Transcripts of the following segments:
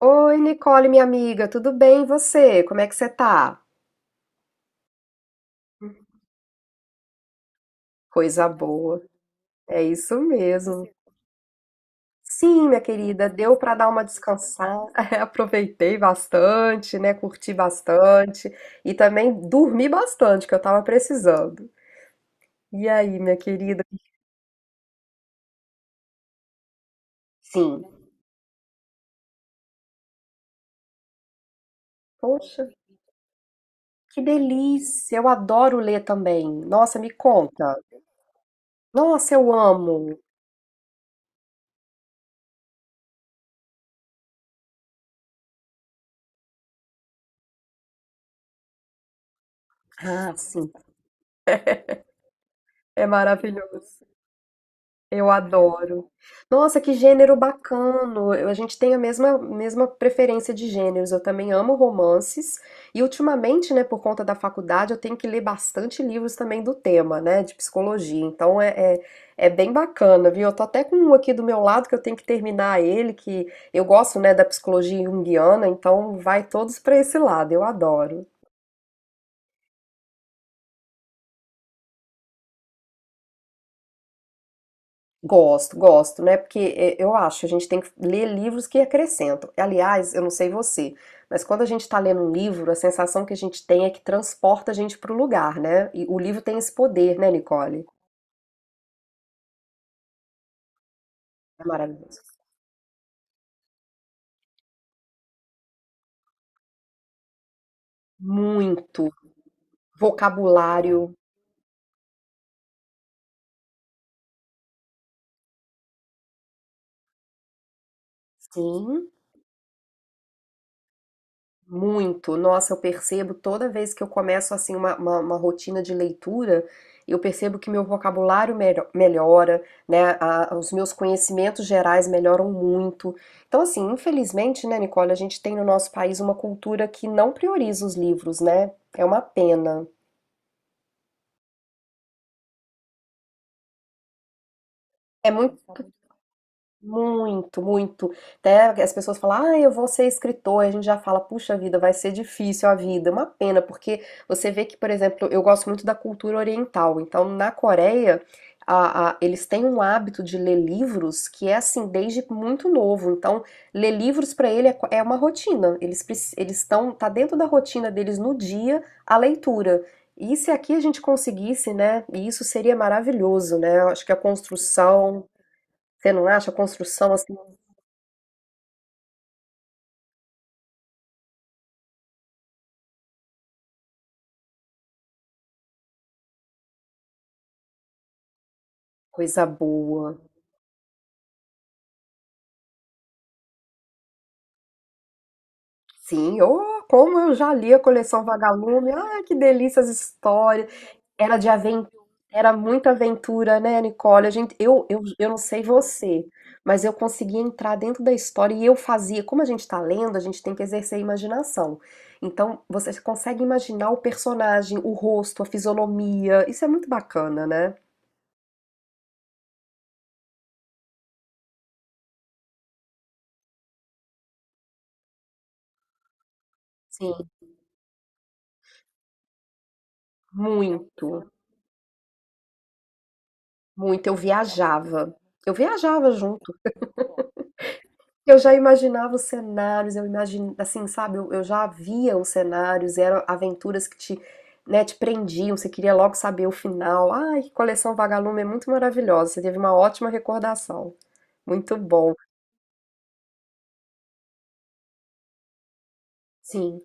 Oi, Nicole, minha amiga, tudo bem? E você? Como é que você tá? Coisa boa, é isso mesmo. Sim, minha querida, deu para dar uma descansada. Aproveitei bastante, né? Curti bastante e também dormi bastante, que eu tava precisando. E aí, minha querida? Sim. Poxa, que delícia! Eu adoro ler também. Nossa, me conta. Nossa, eu amo. Ah, sim. É maravilhoso. Eu adoro. Nossa, que gênero bacano. A gente tem a mesma preferência de gêneros. Eu também amo romances. E ultimamente, né, por conta da faculdade, eu tenho que ler bastante livros também do tema, né, de psicologia. Então é, é bem bacana, viu? Eu tô até com um aqui do meu lado que eu tenho que terminar ele, que eu gosto, né, da psicologia junguiana, então vai todos para esse lado. Eu adoro. Gosto, gosto, né? Eu acho, a gente tem que ler livros que acrescentam. Aliás, eu não sei você, mas quando a gente está lendo um livro, a sensação que a gente tem é que transporta a gente para o lugar, né? E o livro tem esse poder, né, Nicole? É maravilhoso. Muito. Vocabulário, sim. Muito, nossa, eu percebo toda vez que eu começo assim uma rotina de leitura, eu percebo que meu vocabulário melhora, né? Os meus conhecimentos gerais melhoram muito. Então, assim, infelizmente, né, Nicole, a gente tem no nosso país uma cultura que não prioriza os livros, né? É uma pena. É muito. Muito, muito. Até as pessoas falam, ah, eu vou ser escritor. E a gente já fala, puxa vida, vai ser difícil a vida. Uma pena, porque você vê que, por exemplo, eu gosto muito da cultura oriental. Então, na Coreia, eles têm um hábito de ler livros que é assim, desde muito novo. Então, ler livros para ele é, é uma rotina. Eles estão, tá dentro da rotina deles no dia a leitura. E se aqui a gente conseguisse, né? Isso seria maravilhoso, né? Eu acho que a construção. Você não acha? A construção, assim, coisa boa. Sim, oh, como eu já li a coleção Vagalume. Ah, que delícia as histórias. Era de aventura, era muita aventura, né, Nicole? A gente, eu não sei você, mas eu conseguia entrar dentro da história e eu fazia. Como a gente está lendo, a gente tem que exercer a imaginação. Então, você consegue imaginar o personagem, o rosto, a fisionomia. Isso é muito bacana, né? Sim, muito, muito. Eu viajava. Eu viajava junto. Eu já imaginava os cenários, eu imagin assim, sabe, eu já via os cenários, eram aventuras que te, né, te prendiam, você queria logo saber o final. Ai, que coleção Vagalume é muito maravilhosa, você teve uma ótima recordação. Muito bom. Sim,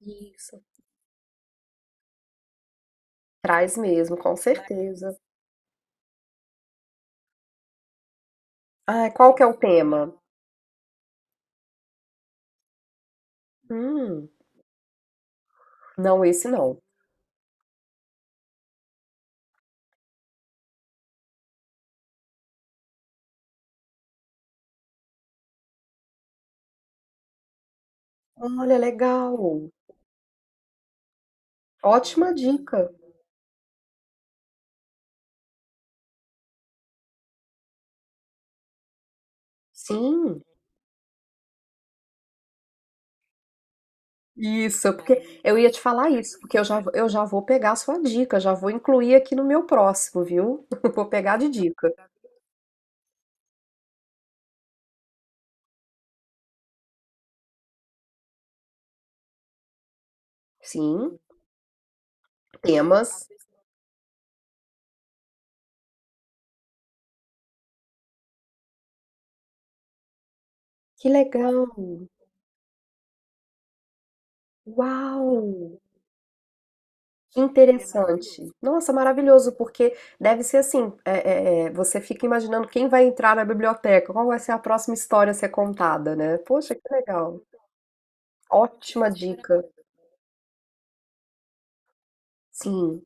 isso. Traz mesmo, com certeza. Ah, qual que é o tema? Hum, não, esse não. Olha, legal. Ótima dica. Sim. Isso, porque eu ia te falar isso, porque eu já vou pegar a sua dica, já vou incluir aqui no meu próximo, viu? Vou pegar de dica. Sim, temas. Que legal! Uau! Que interessante! Nossa, maravilhoso, porque deve ser assim: você fica imaginando quem vai entrar na biblioteca, qual vai ser a próxima história a ser contada, né? Poxa, que legal! Ótima dica. Sim,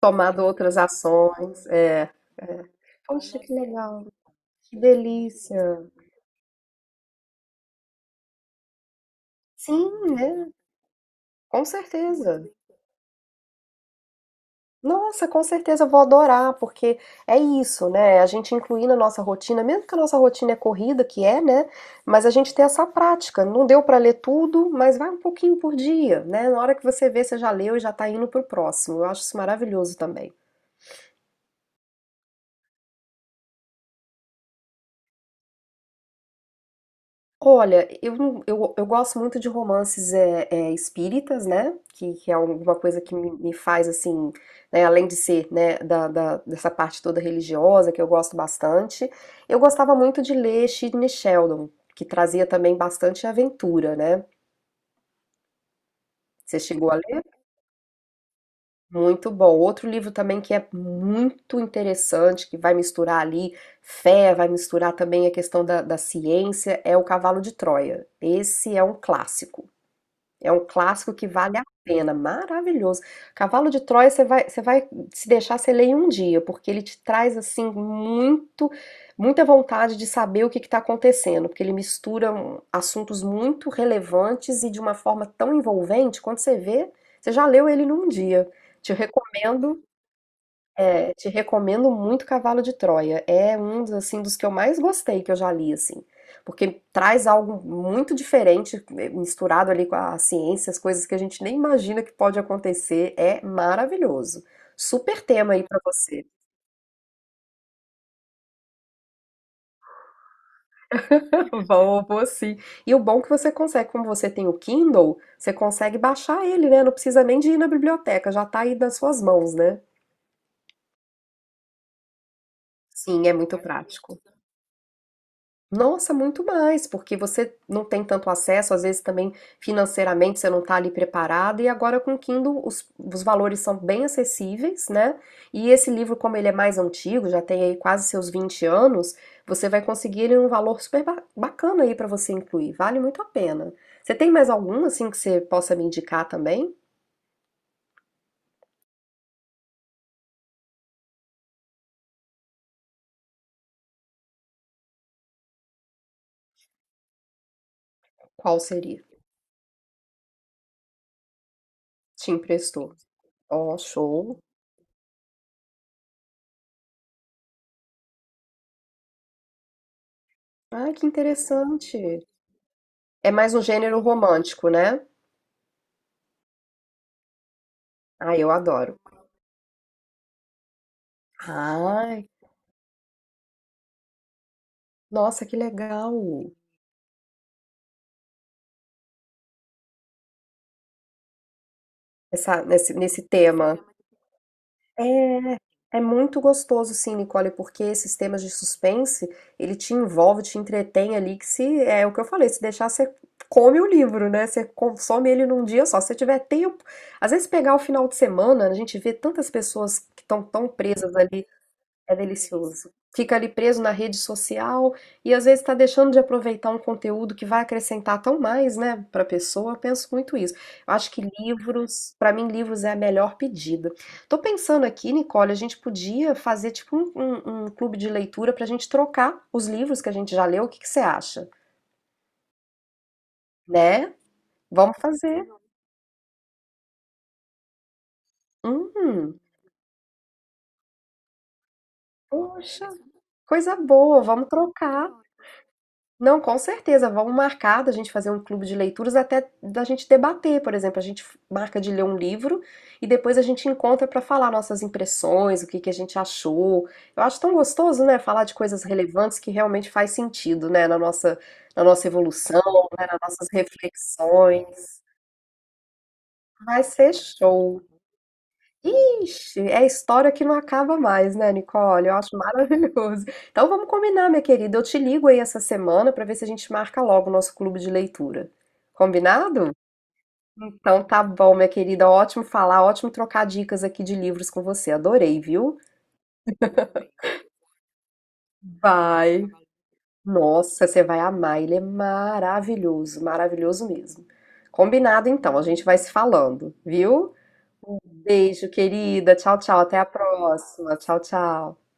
tomado outras ações. É. Poxa, que legal! Que delícia. Sim, né? Com certeza. Nossa, com certeza eu vou adorar, porque é isso, né? A gente incluir na nossa rotina, mesmo que a nossa rotina é corrida, que é, né? Mas a gente tem essa prática. Não deu para ler tudo, mas vai um pouquinho por dia, né? Na hora que você vê, você já leu e já tá indo pro próximo. Eu acho isso maravilhoso também. Olha, eu, não- eu gosto muito de romances é, espíritas, né? Que é alguma coisa que me faz assim, né? Além de ser, né, dessa parte toda religiosa, que eu gosto bastante. Eu gostava muito de ler Sidney Sheldon, que trazia também bastante aventura, né? Você chegou a ler? Muito bom. Outro livro também que é muito interessante, que vai misturar ali fé, vai misturar também a questão da, da ciência, é O Cavalo de Troia. Esse é um clássico. É um clássico que vale a pena, maravilhoso. Cavalo de Troia você vai se deixar você lê em um dia, porque ele te traz assim muito muita vontade de saber o que está acontecendo, porque ele mistura assuntos muito relevantes e de uma forma tão envolvente, quando você vê, você já leu ele num dia. Te recomendo te recomendo muito Cavalo de Troia. É um dos, assim, dos que eu mais gostei que eu já li, assim. Porque traz algo muito diferente, misturado ali com a ciência, as coisas que a gente nem imagina que pode acontecer. É maravilhoso. Super tema aí pra você. Vou, vou sim. E o bom é que você consegue, como você tem o Kindle, você consegue baixar ele, né? Não precisa nem de ir na biblioteca, já tá aí nas suas mãos, né? Sim, é muito prático. Nossa, muito mais, porque você não tem tanto acesso, às vezes também financeiramente você não está ali preparado, e agora com o Kindle os valores são bem acessíveis, né? E esse livro, como ele é mais antigo, já tem aí quase seus 20 anos, você vai conseguir ele num valor super bacana aí para você incluir, vale muito a pena. Você tem mais algum assim que você possa me indicar também? Qual seria? Te emprestou? Ó, show. Ah, que interessante. É mais um gênero romântico, né? Ah, eu adoro. Ai, nossa, que legal. Essa, nesse, nesse tema. É, É muito gostoso, sim, Nicole, porque esses temas de suspense, ele te envolve, te entretém ali, que se, é o que eu falei, se deixar, você come o livro, né? Você consome ele num dia só, se você tiver tempo. Às vezes pegar o final de semana, a gente vê tantas pessoas que estão tão presas ali. É delicioso. Fica ali preso na rede social e às vezes está deixando de aproveitar um conteúdo que vai acrescentar tão mais, né, para a pessoa. Eu penso muito isso. Eu acho que livros, para mim, livros é a melhor pedida. Tô pensando aqui, Nicole, a gente podia fazer tipo um clube de leitura para a gente trocar os livros que a gente já leu. O que que você acha? Né? Vamos fazer. Hum, poxa, coisa boa. Vamos trocar. Não, com certeza. Vamos marcar da gente fazer um clube de leituras, até da gente debater, por exemplo, a gente marca de ler um livro e depois a gente encontra para falar nossas impressões, o que que a gente achou. Eu acho tão gostoso, né, falar de coisas relevantes que realmente faz sentido, né, na nossa evolução, né, nas nossas reflexões. Vai ser show. Ixi, é história que não acaba mais, né, Nicole? Eu acho maravilhoso. Então vamos combinar, minha querida. Eu te ligo aí essa semana para ver se a gente marca logo o nosso clube de leitura. Combinado? Então tá bom, minha querida. Ótimo falar, ótimo trocar dicas aqui de livros com você. Adorei, viu? Vai. Nossa, você vai amar. Ele é maravilhoso, maravilhoso mesmo. Combinado então, a gente vai se falando, viu? Beijo, querida. Tchau, tchau. Até a próxima. Tchau, tchau.